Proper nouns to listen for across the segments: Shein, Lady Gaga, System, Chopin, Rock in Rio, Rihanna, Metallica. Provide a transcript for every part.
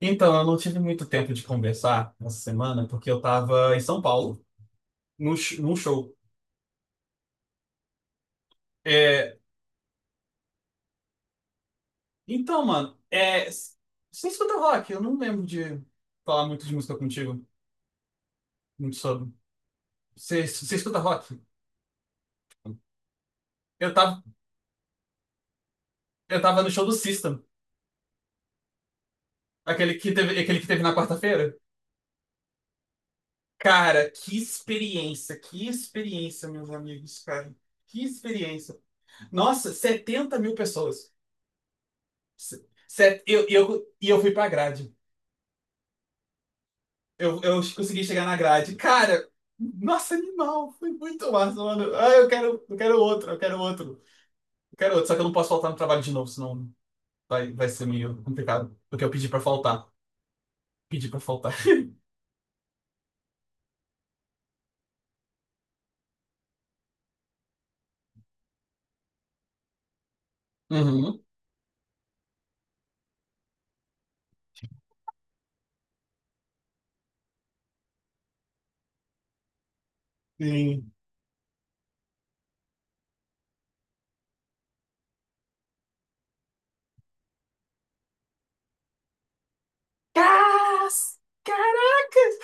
Então, eu não tive muito tempo de conversar essa semana, porque eu tava em São Paulo, num show. É, então, mano, é, s- Você escuta rock? Eu não lembro de falar muito de música contigo, muito sobre. Você escuta rock? Eu tava, eu tava no show do System, aquele que teve na quarta-feira. Cara, que experiência, meus amigos, cara. Que experiência. Nossa, 70.000 pessoas. Eu fui pra grade. Eu consegui chegar na grade. Cara, nossa, animal. Foi muito massa, mano. Ah, eu quero outro. Eu quero outro. Só que eu não posso faltar no trabalho de novo, senão vai ser meio complicado. Porque eu pedi pra faltar. Pedi pra faltar. Uhum. Sim. Cas- Caracas!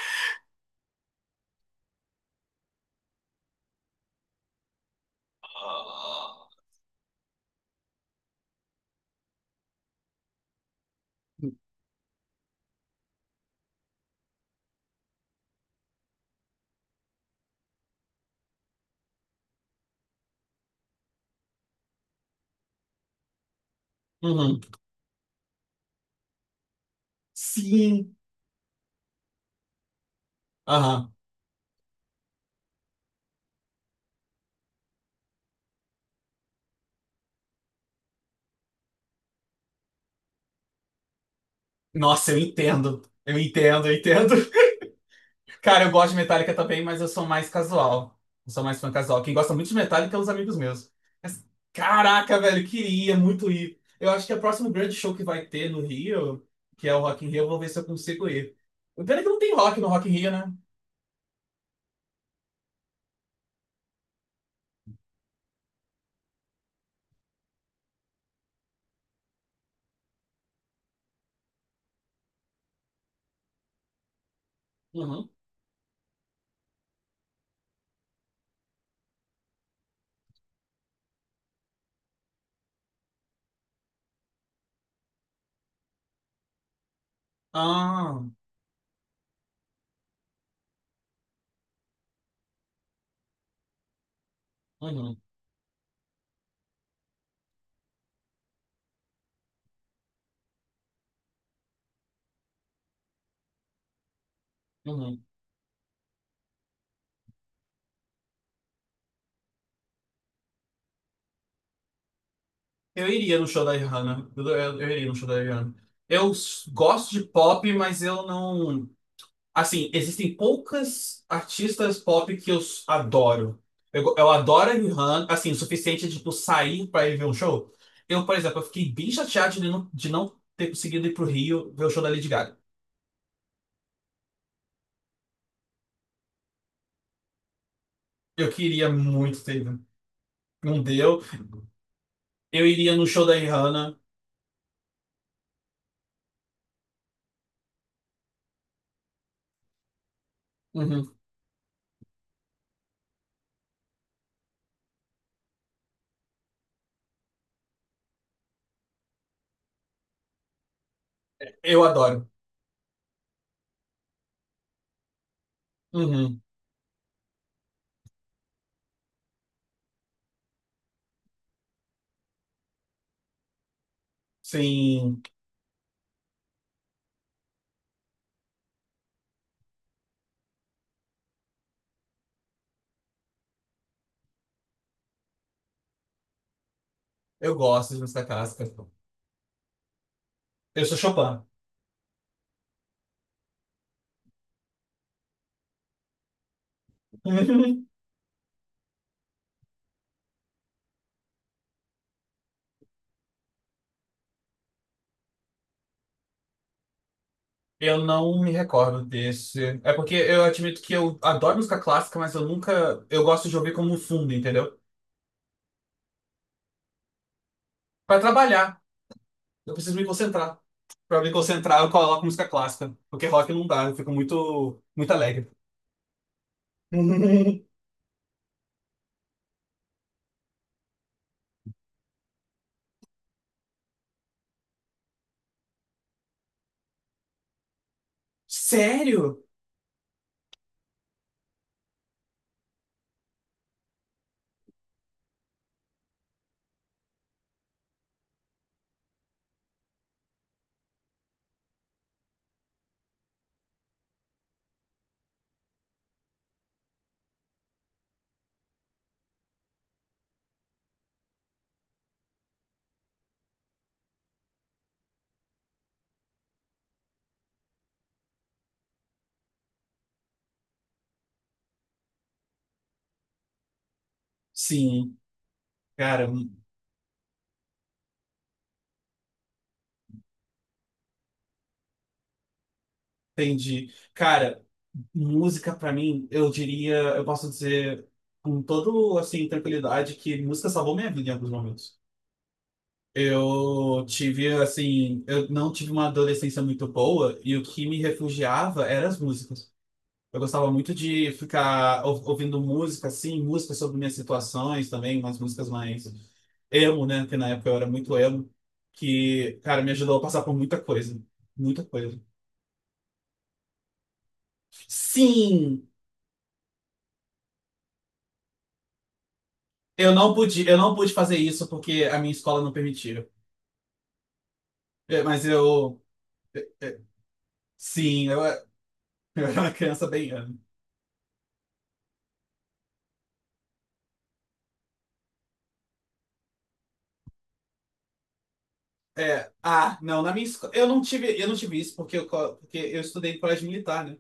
Uhum. Sim. Aham. Nossa, eu entendo. Eu entendo. Cara, eu gosto de Metallica também, mas eu sou mais casual. Eu sou mais fã casual. Quem gosta muito de Metallica é os amigos meus. Mas, caraca, velho, queria muito ir. Eu acho que é o próximo grande show que vai ter no Rio, que é o Rock in Rio, eu vou ver se eu consigo ir. O pena é que não tem rock no Rock in Rio, né? Uhum. Ah, uhum, uhum. Eu iria no show da Rihanna. Eu iria no show da Rihanna. Eu s- gosto de pop, mas eu não. Assim, existem poucas artistas pop que eu s- adoro. Eu adoro a Rihanna, assim, o suficiente de tipo, sair pra ir ver um show. Eu, por exemplo, eu fiquei bem chateado de não ter conseguido ir pro Rio ver o show da Lady Gaga. Eu queria muito ter ido. Não deu. Eu iria no show da Rihanna. Uhum. Eu adoro. Uhum. Sim, eu gosto de música clássica. Eu sou Chopin. Uhum. Eu não me recordo desse. É porque eu admito que eu adoro música clássica, mas eu nunca. Eu gosto de ouvir como um fundo, entendeu? Pra trabalhar, eu preciso me concentrar. Pra me concentrar, eu coloco música clássica. Porque rock não dá, eu fico muito alegre. Sério? Sim, cara, entendi. Cara, música pra mim, eu diria, eu posso dizer com toda assim, tranquilidade que música salvou minha vida em alguns momentos. Eu não tive uma adolescência muito boa e o que me refugiava eram as músicas. Eu gostava muito de ficar ouvindo música, assim, música sobre minhas situações também, umas músicas mais emo, né? Que na época eu era muito emo, que, cara, me ajudou a passar por muita coisa. Muita coisa. Sim! Eu não pude fazer isso porque a minha escola não permitia. É, Mas eu, é, é, sim, eu, eu era uma criança bem emo. É, ah, não, na minha escola, eu não tive isso porque porque eu estudei em colégio militar, né?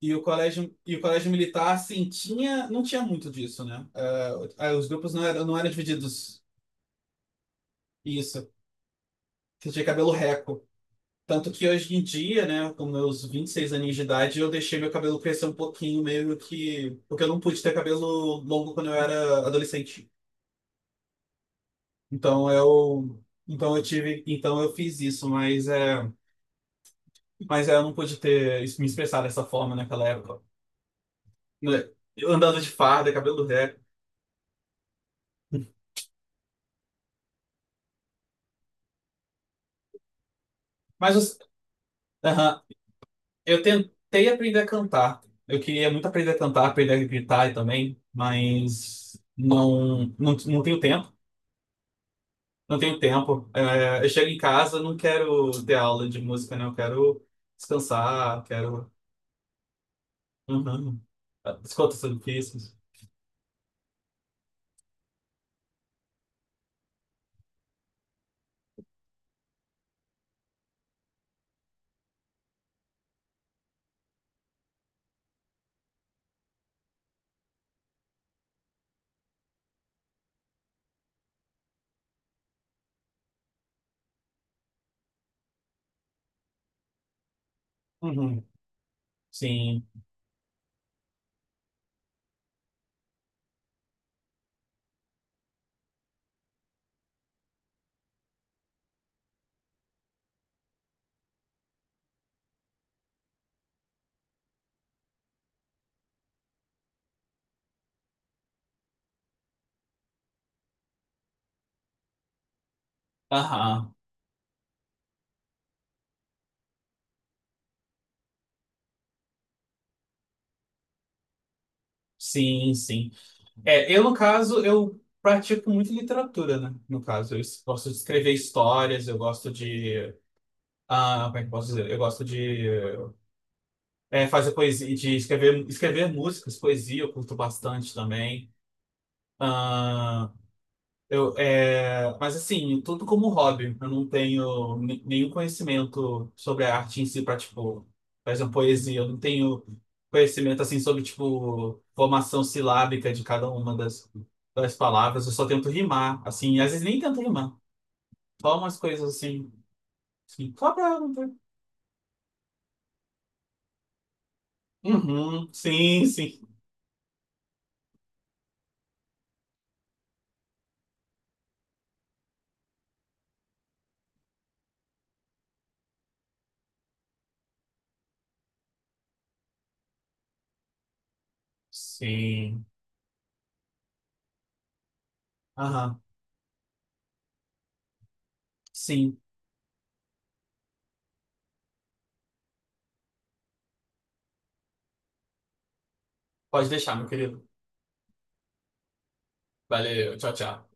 E o colégio militar, assim, não tinha muito disso, né? Ah, ah, os grupos não eram, não eram divididos isso, você tinha cabelo reco. Tanto que hoje em dia, né, com meus 26 aninhos de idade, eu deixei meu cabelo crescer um pouquinho, meio que, porque eu não pude ter cabelo longo quando eu era adolescente. Então eu, então eu fiz isso, mas eu não pude ter isso- me expressar dessa forma naquela época. Né? Eu andando de farda, cabelo ré. Mas os- aham, eu tentei aprender a cantar. Eu queria muito aprender a cantar, aprender a gritar também, mas não tenho tempo. Não tenho tempo. É, eu chego em casa, não quero ter aula de música, né? Eu quero quero. Uhum. Escutas difíceis. Uhum. Sim. Aham. Sim, sim. É, eu, no caso, eu pratico muito literatura, né? No caso, eu es- gosto de escrever histórias, eu gosto de. Ah, como é que eu posso dizer? Eu gosto de fazer poesia, de escrever, escrever músicas, poesia, eu curto bastante também. Ah, mas assim, tudo como hobby. Eu não tenho ni- nenhum conhecimento sobre a arte em si para, tipo, por exemplo, poesia. Eu não tenho conhecimento assim sobre, tipo, formação silábica de cada uma das, das palavras. Eu só tento rimar, assim, às vezes nem tento rimar. Só umas coisas assim, só pra... Uhum, sim, sim. Sim. Aham, sim. Pode deixar, meu querido. Valeu, tchau, tchau.